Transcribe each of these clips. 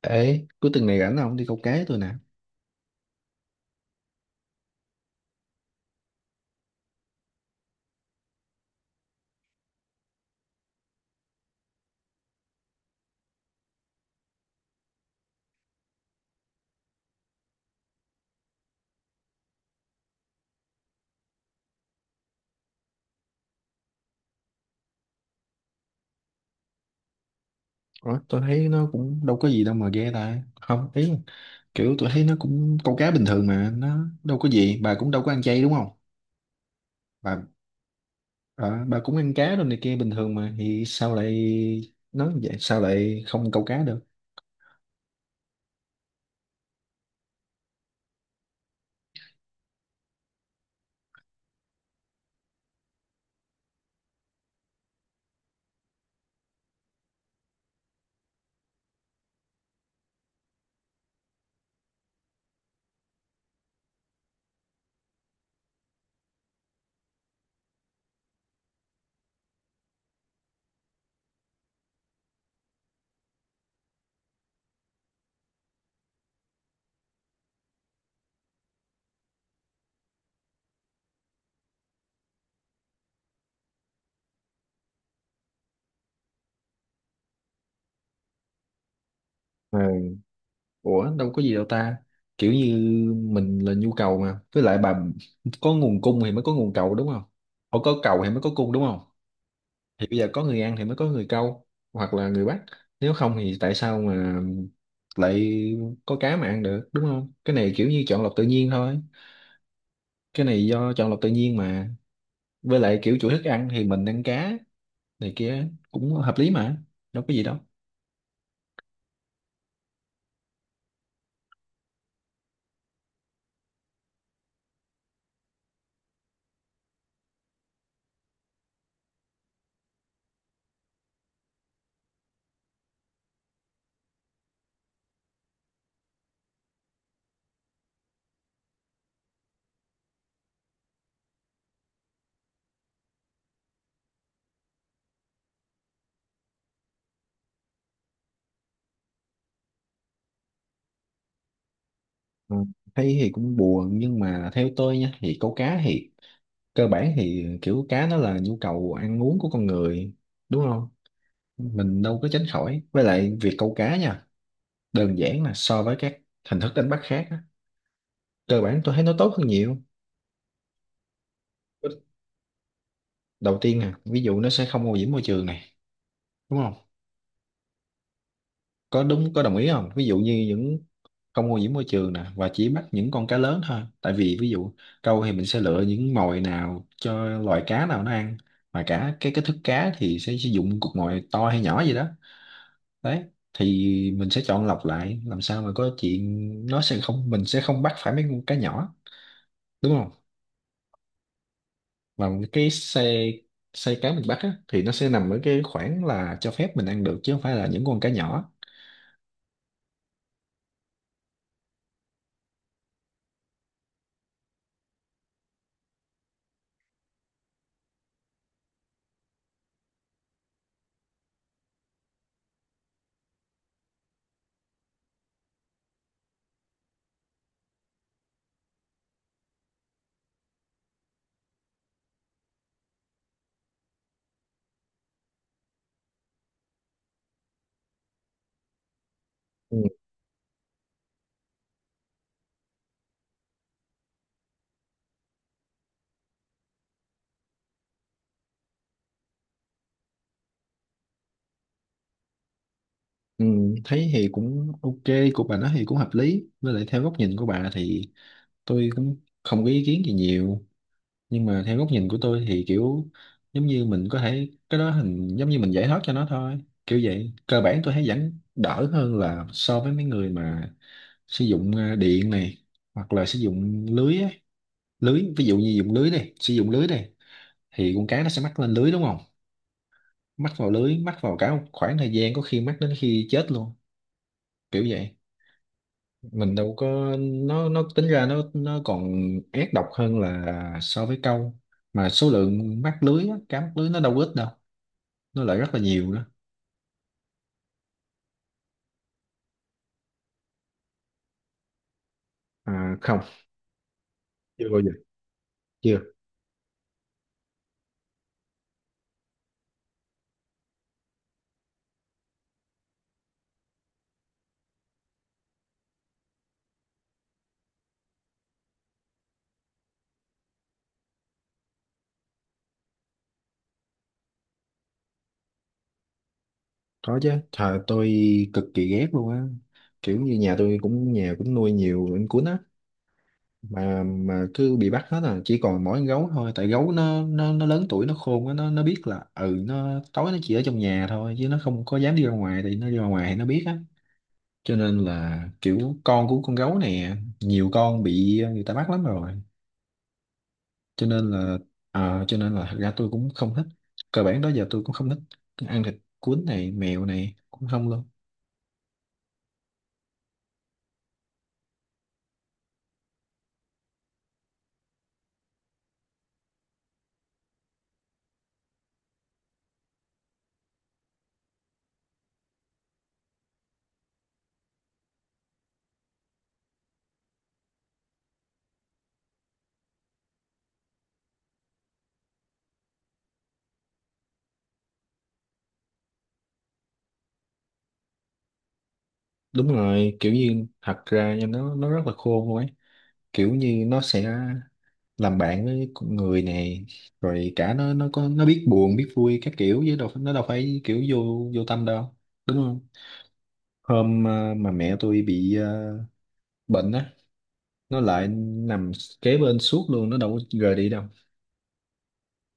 Ê, cuối tuần này rảnh không, đi câu cá tôi nè. Ủa, tôi thấy nó cũng đâu có gì đâu mà ghê ta. Không, ý là kiểu tôi thấy nó cũng câu cá bình thường mà, nó đâu có gì. Bà cũng đâu có ăn chay đúng không? Bà ờ, bà cũng ăn cá rồi này kia bình thường mà, thì sao lại nói vậy, sao lại không câu cá được? Ừ. Ủa, đâu có gì đâu ta. Kiểu như mình là nhu cầu mà. Với lại bà có nguồn cung thì mới có nguồn cầu đúng không? Ủa, có cầu thì mới có cung đúng không? Thì bây giờ có người An thì mới có người câu, hoặc là người bắt. Nếu không thì tại sao mà lại có cá mà ăn được, đúng không? Cái này kiểu như chọn lọc tự nhiên thôi, cái này do chọn lọc tự nhiên mà. Với lại kiểu chủ thức ăn thì mình ăn cá này kia cũng hợp lý mà, đâu có gì đâu. Ừ. Thấy thì cũng buồn, nhưng mà theo tôi nha, thì câu cá thì cơ bản thì kiểu cá nó là nhu cầu ăn uống của con người, đúng không? Mình đâu có tránh khỏi. Với lại việc câu cá nha, đơn giản là so với các hình thức đánh bắt khác á, cơ bản tôi thấy nó tốt hơn nhiều. Đầu tiên nè, ví dụ nó sẽ không ô nhiễm môi trường này, đúng không? Có đúng, có đồng ý không? Ví dụ như những, không ô nhiễm môi trường nè, và chỉ bắt những con cá lớn thôi. Tại vì ví dụ câu thì mình sẽ lựa những mồi nào cho loài cá nào nó ăn, mà cả cái thức cá thì sẽ sử dụng cục mồi to hay nhỏ gì đó. Đấy, thì mình sẽ chọn lọc lại làm sao mà có chuyện nó sẽ không, mình sẽ không bắt phải mấy con cá nhỏ, đúng không? Mà cái xe, xe cá miền Bắc á, thì nó sẽ nằm ở cái khoảng là cho phép mình ăn được, chứ không phải là những con cá nhỏ. Ừ. Ừ, thấy thì cũng ok. Của bà nói thì cũng hợp lý, với lại theo góc nhìn của bà thì tôi cũng không có ý kiến gì nhiều. Nhưng mà theo góc nhìn của tôi thì kiểu giống như mình có thể cái đó hình, giống như mình giải thoát cho nó thôi, kiểu vậy. Cơ bản tôi thấy vẫn đỡ hơn là so với mấy người mà sử dụng điện này, hoặc là sử dụng lưới á. Lưới, ví dụ như dùng lưới đi, sử dụng lưới đi, thì con cá nó sẽ mắc lên lưới đúng không? Mắc vào lưới, mắc vào cả một khoảng thời gian, có khi mắc đến khi chết luôn, kiểu vậy. Mình đâu có, nó tính ra nó còn ác độc hơn là so với câu. Mà số lượng mắc lưới á, cá mắc lưới nó đâu có ít đâu, nó lại rất là nhiều nữa. À không. Chưa bao giờ. Chưa. Có chứ trời, tôi cực kỳ ghét luôn á. Kiểu như nhà tôi cũng, nhà cũng nuôi nhiều anh cuốn á, mà cứ bị bắt hết à, chỉ còn mỗi con gấu thôi. Tại gấu nó lớn tuổi, nó khôn quá, nó biết là ừ, nó tối nó chỉ ở trong nhà thôi chứ nó không có dám đi ra ngoài, thì nó đi ra ngoài thì nó biết á. Cho nên là kiểu con của con gấu này, nhiều con bị người ta bắt lắm rồi. Cho nên là cho nên là thật ra tôi cũng không thích, cơ bản đó giờ tôi cũng không thích ăn thịt cuốn này, mèo này cũng không luôn. Đúng rồi, kiểu như thật ra nha, nó rất là khôn luôn ấy. Kiểu như nó sẽ làm bạn với con người này, rồi cả nó biết buồn biết vui các kiểu, chứ đâu nó đâu phải kiểu vô vô tâm đâu, đúng không? Hôm mà mẹ tôi bị bệnh á, nó lại nằm kế bên suốt luôn, nó đâu có rời đi đâu.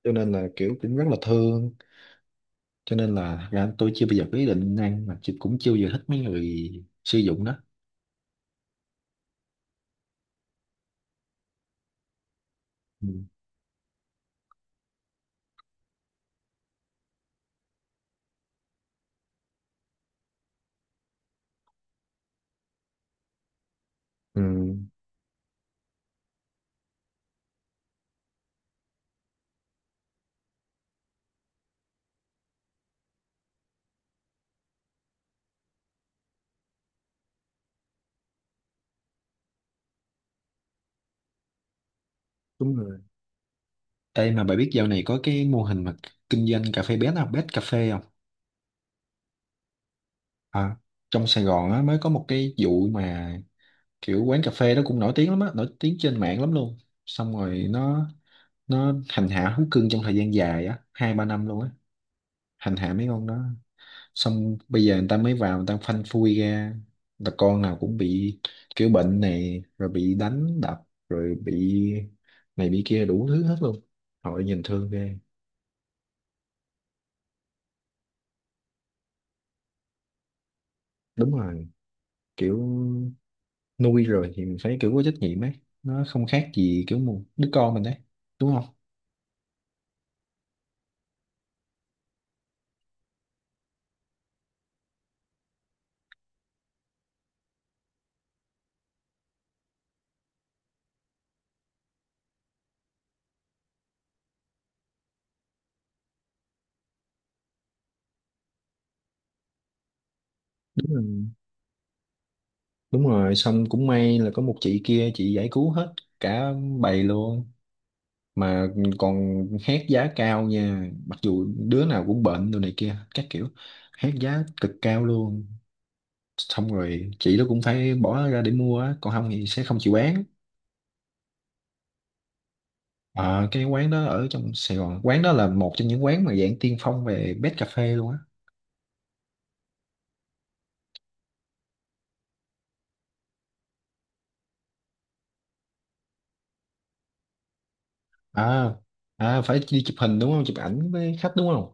Cho nên là kiểu cũng rất là thương. Cho nên là thật ra tôi chưa bao giờ có ý định ăn, mà chị cũng chưa bao giờ thích mấy người sử dụng đó. Ừ. Ừ. Đúng rồi. Ê mà bà biết dạo này có cái mô hình mà kinh doanh cà phê bé nào, bét cà phê không? À, trong Sài Gòn á, mới có một cái vụ mà kiểu quán cà phê đó cũng nổi tiếng lắm á, nổi tiếng trên mạng lắm luôn. Xong rồi nó hành hạ thú cưng trong thời gian dài á, hai ba năm luôn á, hành hạ mấy con đó. Xong bây giờ người ta mới vào, người ta phanh phui ra là con nào cũng bị kiểu bệnh này, rồi bị đánh đập, rồi bị này bị kia đủ thứ hết luôn. Họ nhìn thương ghê. Đúng rồi, kiểu nuôi rồi thì mình phải kiểu có trách nhiệm ấy, nó không khác gì kiểu một đứa con mình đấy, đúng không? Đúng rồi. Đúng rồi, xong cũng may là có một chị kia, chị giải cứu hết cả bầy luôn. Mà còn hét giá cao nha, mặc dù đứa nào cũng bệnh đồ này kia các kiểu, hét giá cực cao luôn. Xong rồi chị đó cũng phải bỏ ra để mua á, còn không thì sẽ không chịu bán. Ờ, cái quán đó ở trong Sài Gòn, quán đó là một trong những quán mà dạng tiên phong về bed cà phê luôn á. À. À, phải đi chụp hình đúng không, chụp ảnh với khách đúng không?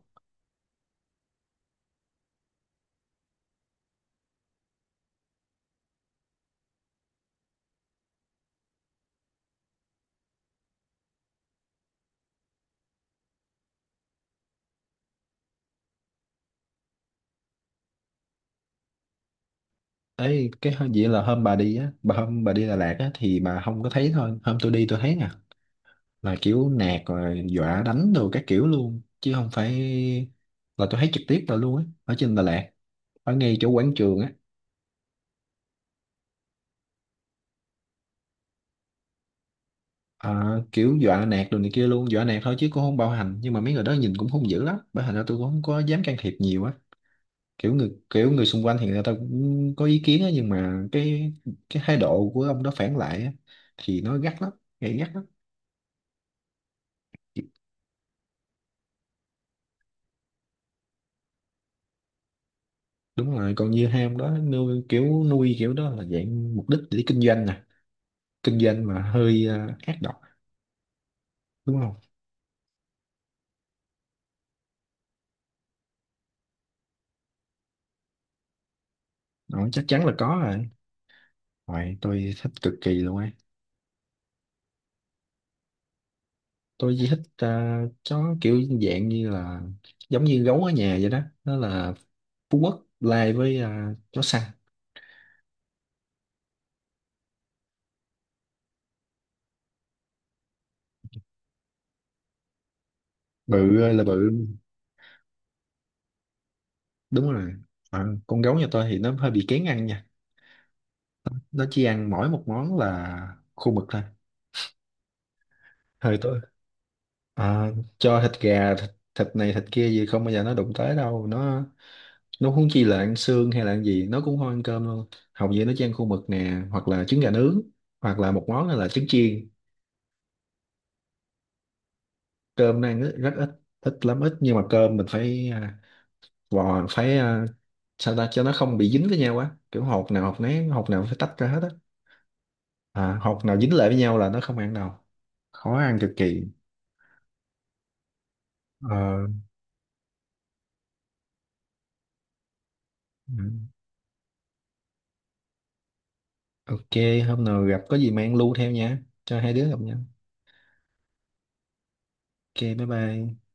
Ấy cái hôm- vậy là hôm bà đi á, bà hôm bà đi Đà Lạt á thì bà không có thấy. Thôi hôm tôi đi tôi thấy nè, là kiểu nạt rồi dọa đánh đồ các kiểu luôn, chứ không phải, là tôi thấy trực tiếp là luôn á, ở trên Đà Lạt, ở ngay chỗ quảng trường á. À, kiểu dọa nạt đồ này kia luôn, dọa nạt thôi chứ cũng không bạo hành, nhưng mà mấy người đó nhìn cũng hung dữ lắm, bởi thành ra tôi cũng không có dám can thiệp nhiều á. Kiểu người xung quanh thì người ta cũng có ý kiến á, nhưng mà cái thái độ của ông đó phản lại á, thì nó gắt lắm, gay gắt lắm. Đúng rồi, còn như hai ông đó nuôi, kiểu nuôi kiểu đó là dạng mục đích để kinh doanh nè, kinh doanh mà hơi ác độc, đúng không? Đó, chắc chắn là có rồi. Rồi, tôi thích cực kỳ luôn ấy. Tôi chỉ thích chó kiểu dạng như là giống như gấu ở nhà vậy đó, nó là Phú Quốc lai với chó săn. Bự ơi là bự. Đúng rồi. À, con gấu nhà tôi thì nó hơi bị kén ăn nha. Nó chỉ ăn mỗi một món là khô mực thôi. Hơi tôi, à, cho thịt gà thịt, thịt này thịt kia gì không bao giờ nó đụng tới đâu. Nó, huống chi là ăn xương hay là ăn gì, nó cũng không ăn cơm luôn. Hầu như nó chỉ ăn khô mực nè, hoặc là trứng gà nướng, hoặc là một món là trứng chiên. Cơm nó ăn rất, rất ít, ít lắm, ít. Nhưng mà cơm mình phải vò, phải sao ta, cho nó không bị dính với nhau quá, kiểu hột nào hột nấy, hột nào phải tách ra hết á. À, học nào dính lại với nhau là nó không ăn đâu, khó ăn cực kỳ. Ờ, ừ. Ok, hôm nào gặp có gì mang lu theo nha, cho hai đứa gặp nhau. Ok, bye bye.